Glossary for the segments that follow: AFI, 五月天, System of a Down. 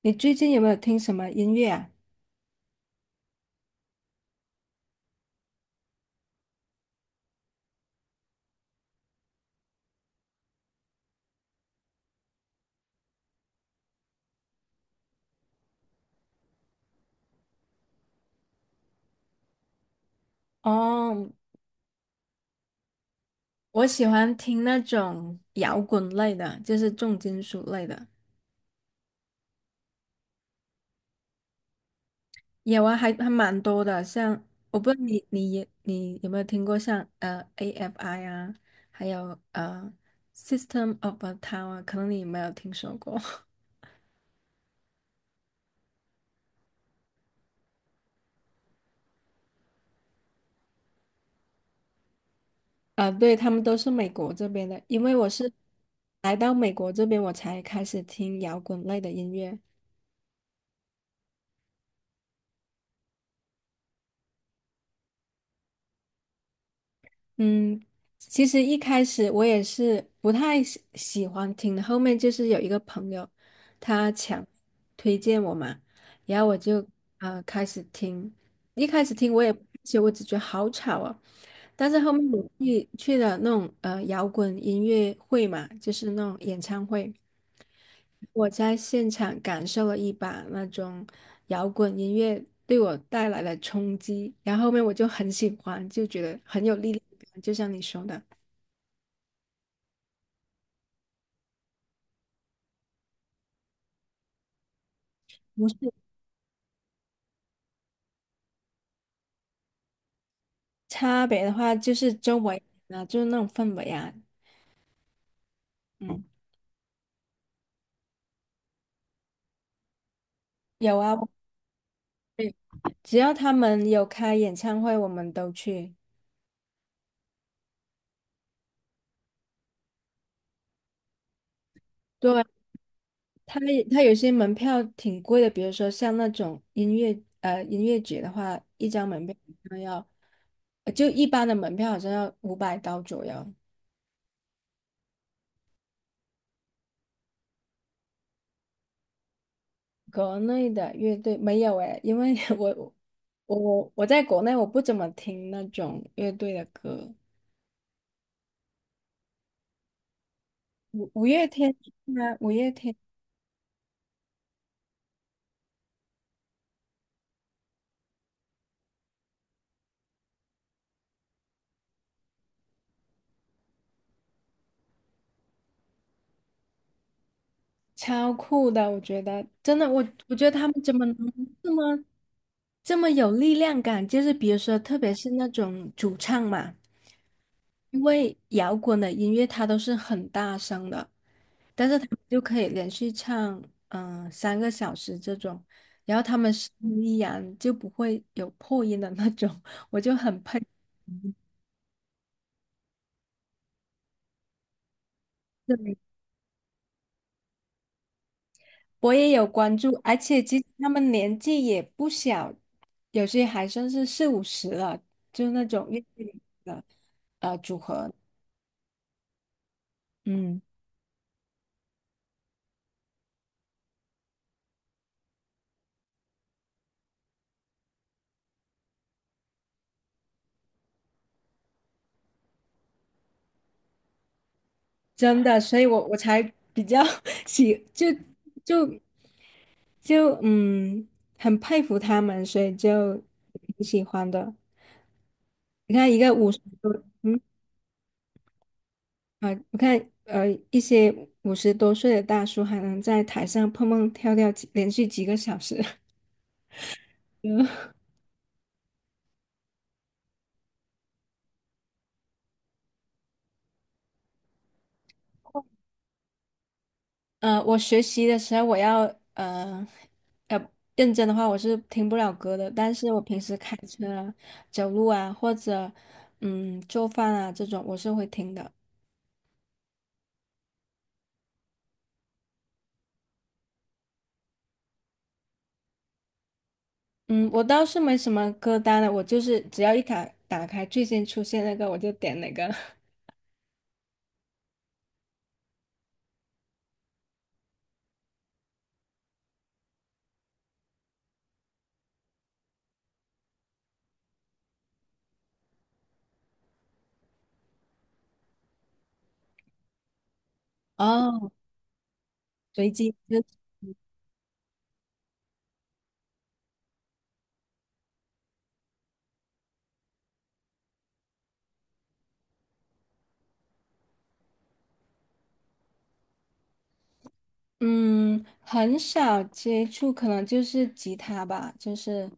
你最近有没有听什么音乐啊？哦，我喜欢听那种摇滚类的，就是重金属类的。有啊，还蛮多的。像我不知道你有没有听过像AFI 啊，还有System of a Down 啊，可能你没有听说过。啊，对，他们都是美国这边的，因为我是来到美国这边，我才开始听摇滚类的音乐。嗯，其实一开始我也是不太喜欢听的，后面就是有一个朋友，他强推荐我嘛，然后我就开始听。一开始听我也不其实我只觉得好吵啊，但是后面我去了那种摇滚音乐会嘛，就是那种演唱会，我在现场感受了一把那种摇滚音乐对我带来的冲击，然后后面我就很喜欢，就觉得很有力量感就像你说的。不是，差别的话，就是周围啊，就是那种氛围啊。嗯，有啊，会只要他们有开演唱会，我们都去。对，他他有些门票挺贵的，比如说像那种音乐节的话，一张门票好像要，呃就一般的门票好像要500刀左右。国内的乐队没有诶，因为 我在国内我不怎么听那种乐队的歌。月天啊，五月天超酷的，我觉得真的，我觉得他们怎么能这么这么有力量感？就是比如说，特别是那种主唱嘛。因为摇滚的音乐它都是很大声的，但是他们就可以连续唱3个小时这种，然后他们声音依然就不会有破音的那种，我就很佩服。对，我也有关注，而且其实他们年纪也不小，有些还算是四五十了，就那种乐队里的组合。嗯，真的，所以我才比较 喜就就。就嗯，很佩服他们，所以就挺喜欢的。你看，一个五十多，嗯我看一些50多岁的大叔还能在台上蹦蹦跳跳连续几个小时。嗯我学习的时候，我要呃呃认真的话，我是听不了歌的。但是我平时开车啊、走路啊，或者做饭啊这种，我是会听的。嗯，我倒是没什么歌单了，我就是只要打开最先出现那个，我就点哪个。哦，随机，很少接触，可能就是吉他吧，就是，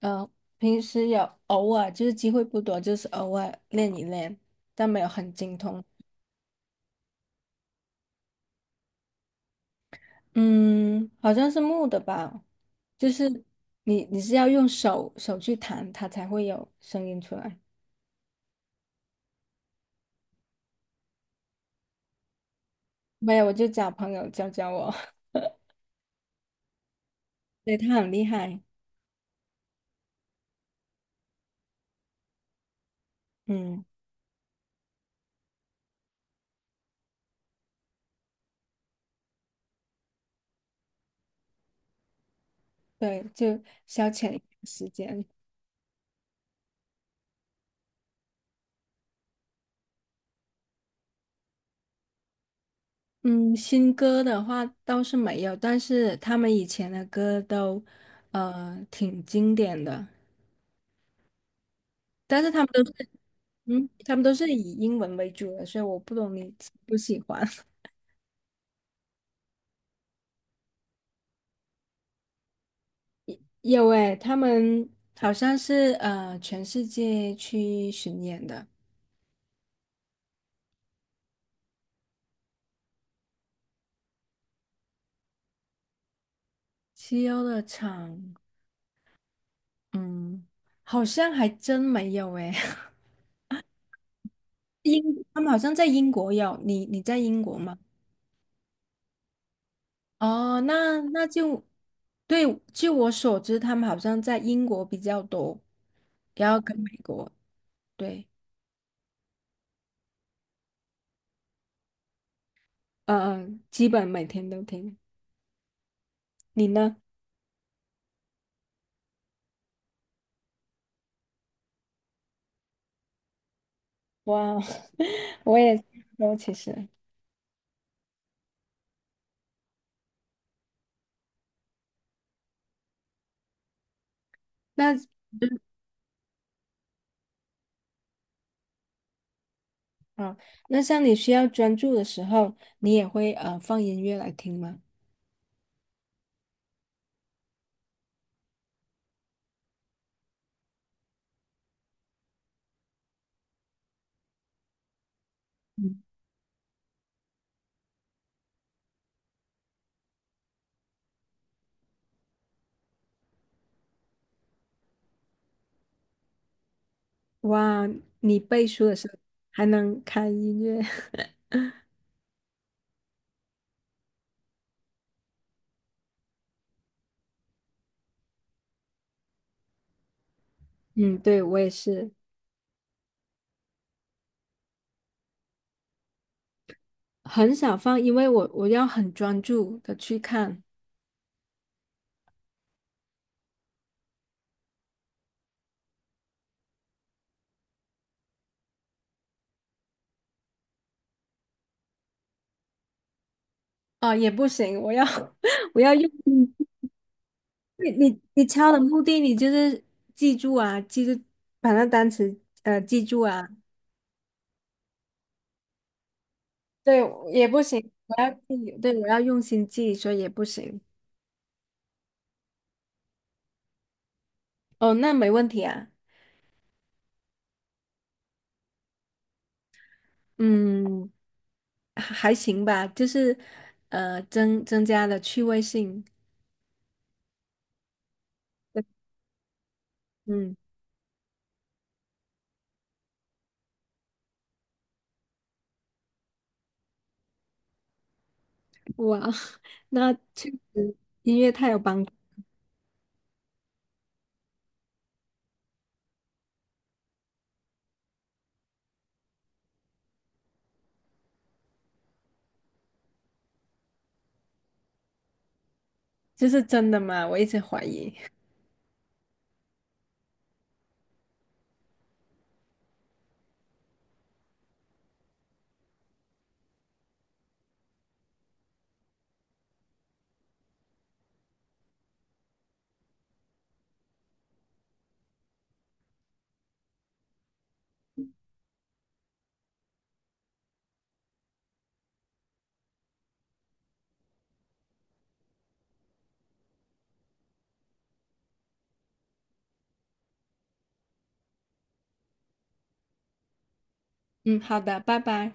呃，平时有偶尔，就是机会不多，就是偶尔练一练，但没有很精通。嗯，好像是木的吧，就是你是要用手去弹，它才会有声音出来。没有，我就找朋友教教我。对，他很厉害。嗯，对，就消遣一下时间。嗯，新歌的话倒是没有，但是他们以前的歌都，呃，挺经典的。但是他们都是，嗯，他们都是以英文为主的，所以我不懂你喜不喜欢。有诶，他们好像是全世界去巡演的。西欧的场，嗯，好像还真没有诶。英，他们好像在英国有，你在英国吗？哦，那就对，据我所知，他们好像在英国比较多，然后跟美国，对。嗯嗯，基本每天都听。你呢？哇哦，我也差不多其实。那啊，像你需要专注的时候，你也会放音乐来听吗？嗯，哇，你背书的时候还能开音乐。嗯，对，我也是很少放，因为我要很专注的去看。哦，也不行，我要 我要用你敲的目的，你就是记住啊，记住把那单词记住啊。对，也不行，我要记，对，我要用心记，所以也不行。哦，那没问题啊。嗯，还行吧，就是增加了趣味性。对嗯，哇，那确实音乐太有帮助。这是真的吗？我一直怀疑。嗯，好的，拜拜。